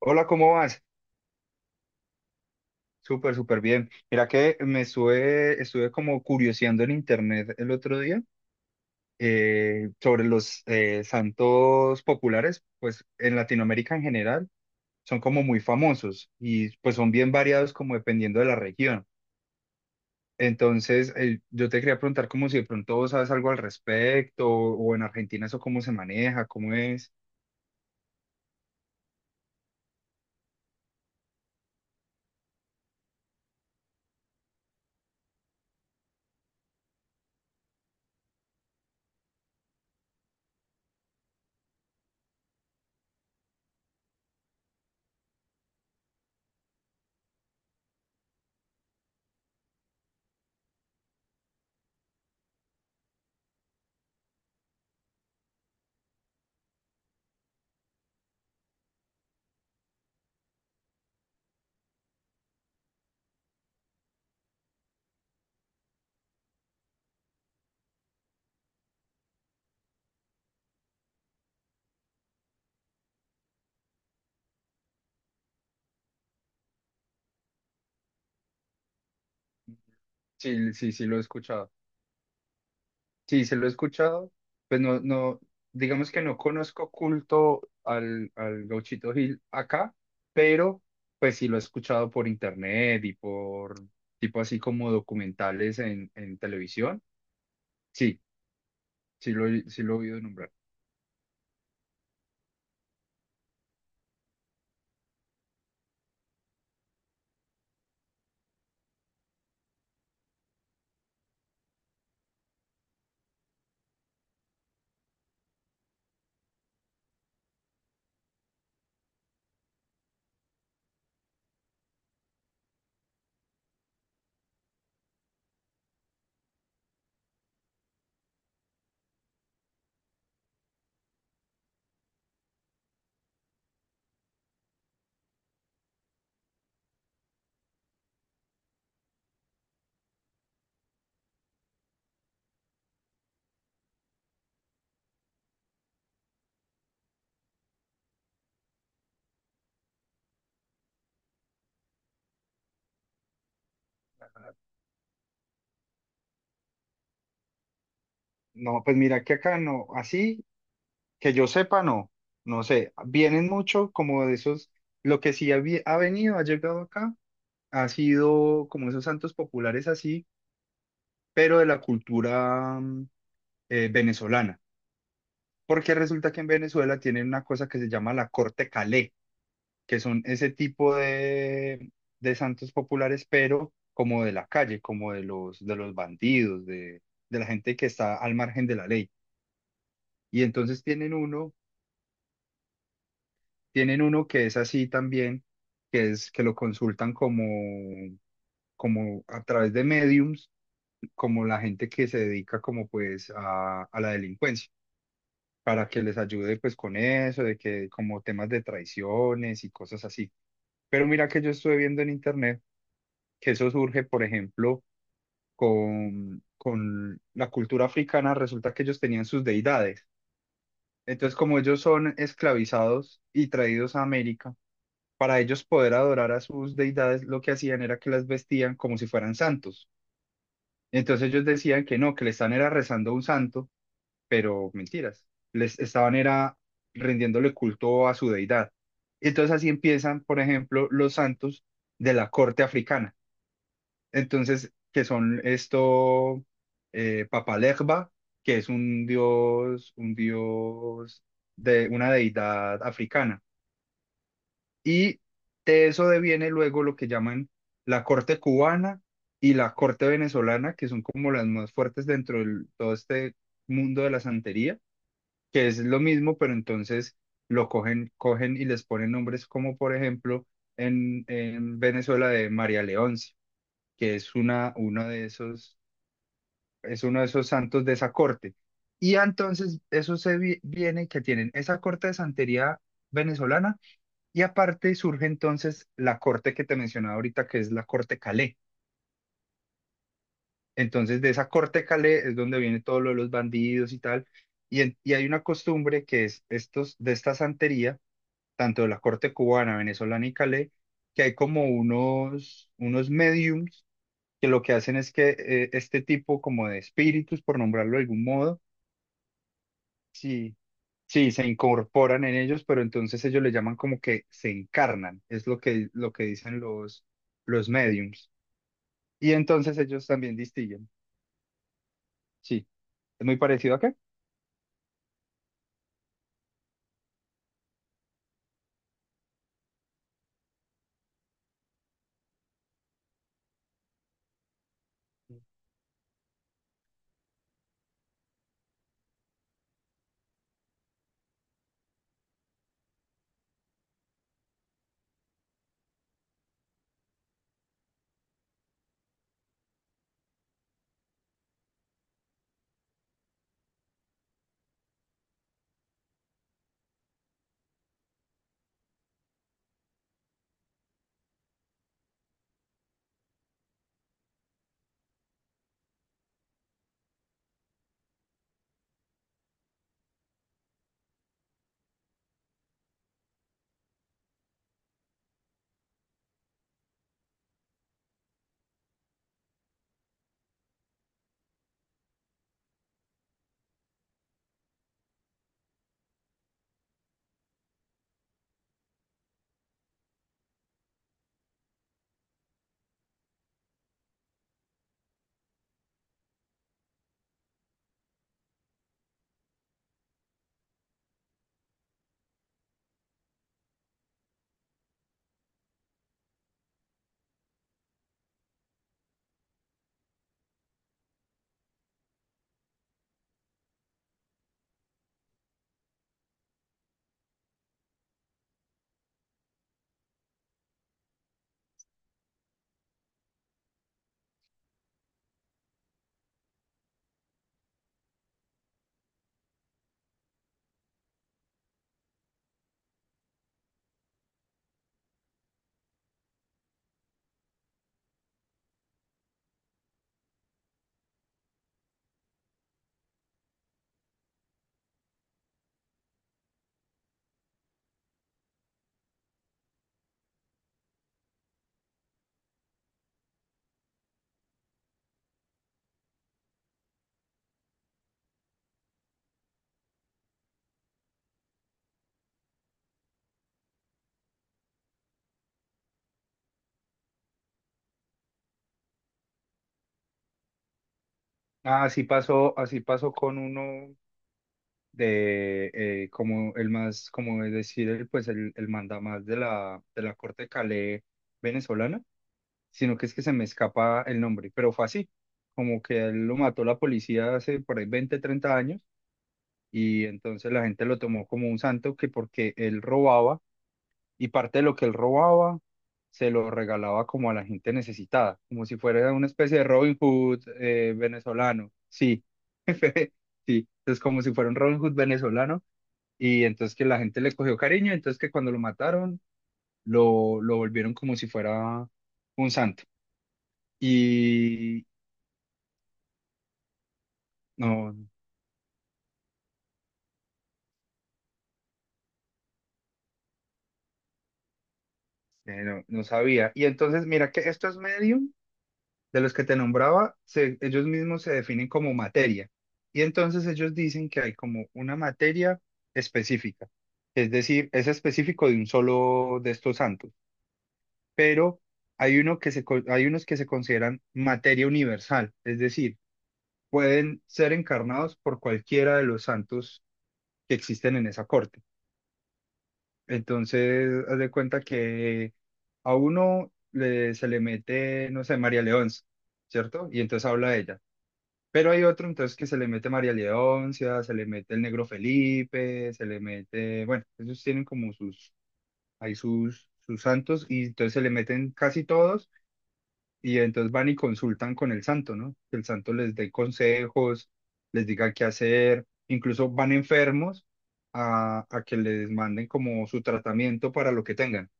Hola, ¿cómo vas? Súper, súper bien. Mira que me estuve como curioseando en internet el otro día sobre los santos populares, pues en Latinoamérica en general son como muy famosos y pues son bien variados como dependiendo de la región. Entonces, yo te quería preguntar como si de pronto vos sabes algo al respecto o, en Argentina eso cómo se maneja, cómo es. Sí, sí, sí lo he escuchado. Sí, se lo he escuchado, pues no, no, digamos que no conozco culto al Gauchito Gil acá, pero pues sí lo he escuchado por internet y por tipo así como documentales en televisión. Sí, sí lo, sí lo he oído nombrar. No, pues mira que acá no, así que yo sepa no, no sé, vienen mucho como de esos, lo que sí ha, ha venido, ha llegado acá, ha sido como esos santos populares así, pero de la cultura. Venezolana, porque resulta que en Venezuela tienen una cosa que se llama la corte Calé, que son ese tipo de santos populares, pero como de la calle, como de los bandidos, de la gente que está al margen de la ley. Y tienen uno que es así también, que es que lo consultan como, como a través de mediums, como la gente que se dedica como pues a la delincuencia. Para que les ayude pues con eso, de que como temas de traiciones y cosas así. Pero mira que yo estuve viendo en internet que eso surge, por ejemplo, con la cultura africana, resulta que ellos tenían sus deidades. Entonces, como ellos son esclavizados y traídos a América, para ellos poder adorar a sus deidades, lo que hacían era que las vestían como si fueran santos. Entonces ellos decían que no, que le están era rezando a un santo, pero mentiras. Les estaban era rindiéndole culto a su deidad. Entonces así empiezan, por ejemplo, los santos de la corte africana. Entonces, que son esto, Papalegba, que es un dios de una deidad africana. Y de eso deviene luego lo que llaman la corte cubana y la corte venezolana, que son como las más fuertes dentro de todo este mundo de la santería, que es lo mismo, pero entonces lo cogen, cogen y les ponen nombres como por ejemplo en Venezuela de María Leonce, que es una, uno de esos, es uno de esos santos de esa corte. Y entonces eso se viene que tienen esa corte de santería venezolana y aparte surge entonces la corte que te mencionaba ahorita, que es la corte Calé. Entonces de esa corte Calé es donde viene todo lo de los bandidos y tal. Y, y hay una costumbre que es estos, de esta santería tanto de la corte cubana, venezolana y calé, que hay como unos, unos mediums que lo que hacen es que este tipo como de espíritus, por nombrarlo de algún modo, sí, sí, se incorporan en ellos, pero entonces ellos le llaman como que se encarnan, es lo que dicen los mediums. Y entonces ellos también distinguen, sí, es muy parecido acá. Ah, así pasó, así pasó con uno de como el más, como es decir, el, pues el mandamás de la corte Calais venezolana, sino que es que se me escapa el nombre, pero fue así, como que a él lo mató la policía hace por ahí 20 30 años y entonces la gente lo tomó como un santo, que porque él robaba y parte de lo que él robaba se lo regalaba como a la gente necesitada, como si fuera una especie de Robin Hood venezolano, sí. Sí, es como si fuera un Robin Hood venezolano, y entonces que la gente le cogió cariño, entonces que cuando lo mataron, lo volvieron como si fuera un santo. Y no, no, no sabía. Y entonces, mira que estos medium de los que te nombraba, ellos mismos se definen como materia. Y entonces ellos dicen que hay como una materia específica. Es decir, es específico de un solo de estos santos. Pero hay uno que se, hay unos que se consideran materia universal. Es decir, pueden ser encarnados por cualquiera de los santos que existen en esa corte. Entonces, haz de cuenta que a uno le, se le mete, no sé, María Leonza, ¿cierto? Y entonces habla de ella. Pero hay otro entonces que se le mete María Leoncia, se le mete el negro Felipe, se le mete, bueno, ellos tienen como sus, hay sus, sus santos y entonces se le meten casi todos. Y entonces van y consultan con el santo, ¿no? Que el santo les dé consejos, les diga qué hacer, incluso van enfermos a que les manden como su tratamiento para lo que tengan.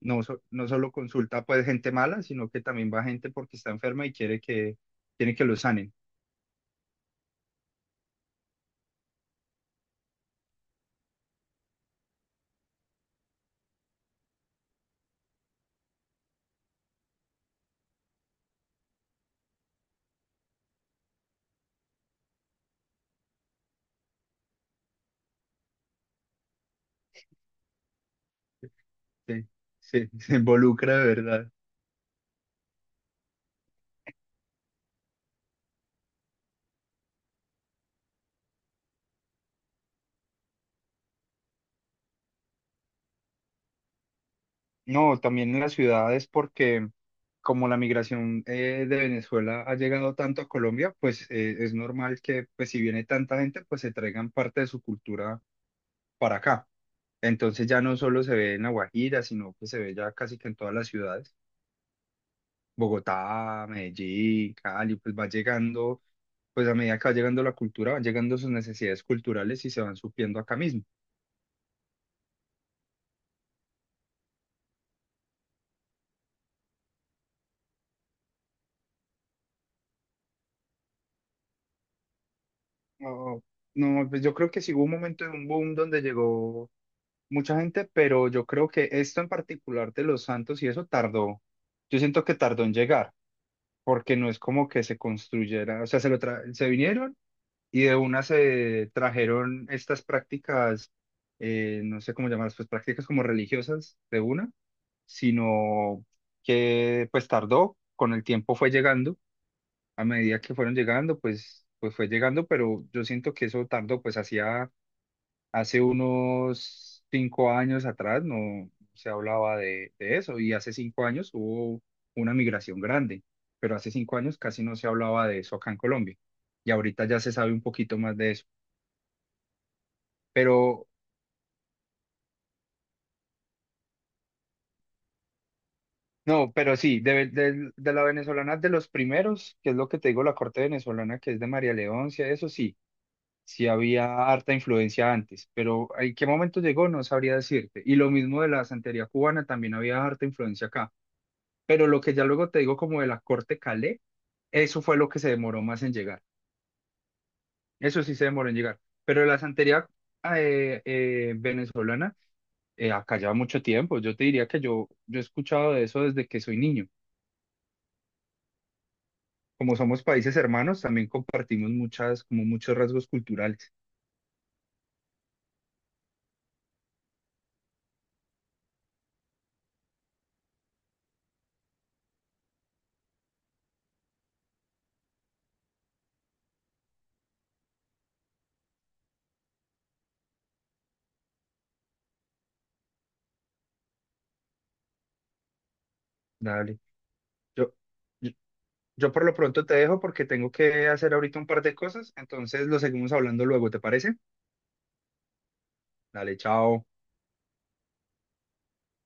No, no solo consulta pues gente mala, sino que también va gente porque está enferma y quiere que lo sanen. Sí, sí, se involucra de verdad. No, también en las ciudades porque como la migración de Venezuela ha llegado tanto a Colombia, pues es normal que pues si viene tanta gente, pues se traigan parte de su cultura para acá. Entonces ya no solo se ve en La Guajira, sino que se ve ya casi que en todas las ciudades. Bogotá, Medellín, Cali, pues va llegando, pues a medida que va llegando la cultura, van llegando sus necesidades culturales y se van supliendo acá mismo. No, no, pues yo creo que sí hubo un momento de un boom donde llegó mucha gente, pero yo creo que esto en particular de los Santos y eso tardó, yo siento que tardó en llegar, porque no es como que se construyera, o sea, se lo se vinieron y de una se trajeron estas prácticas, no sé cómo llamarlas, pues prácticas como religiosas de una, sino que pues tardó, con el tiempo fue llegando, a medida que fueron llegando, pues, pues fue llegando, pero yo siento que eso tardó, pues hacía. Hace unos 5 años atrás no se hablaba de eso y hace 5 años hubo una migración grande, pero hace 5 años casi no se hablaba de eso acá en Colombia y ahorita ya se sabe un poquito más de eso. Pero no, pero sí, de, de la venezolana de los primeros, que es lo que te digo, la corte venezolana que es de María Leoncia, eso sí, sí había harta influencia antes, pero ¿en qué momento llegó? No sabría decirte. Y lo mismo de la santería cubana, también había harta influencia acá. Pero lo que ya luego te digo como de la Corte Calais, eso fue lo que se demoró más en llegar. Eso sí se demoró en llegar. Pero la santería venezolana, acá lleva mucho tiempo. Yo te diría que yo he escuchado de eso desde que soy niño. Como somos países hermanos, también compartimos muchas, como muchos rasgos culturales. Dale. Yo, yo, yo por lo pronto te dejo porque tengo que hacer ahorita un par de cosas. Entonces lo seguimos hablando luego, ¿te parece? Dale, chao.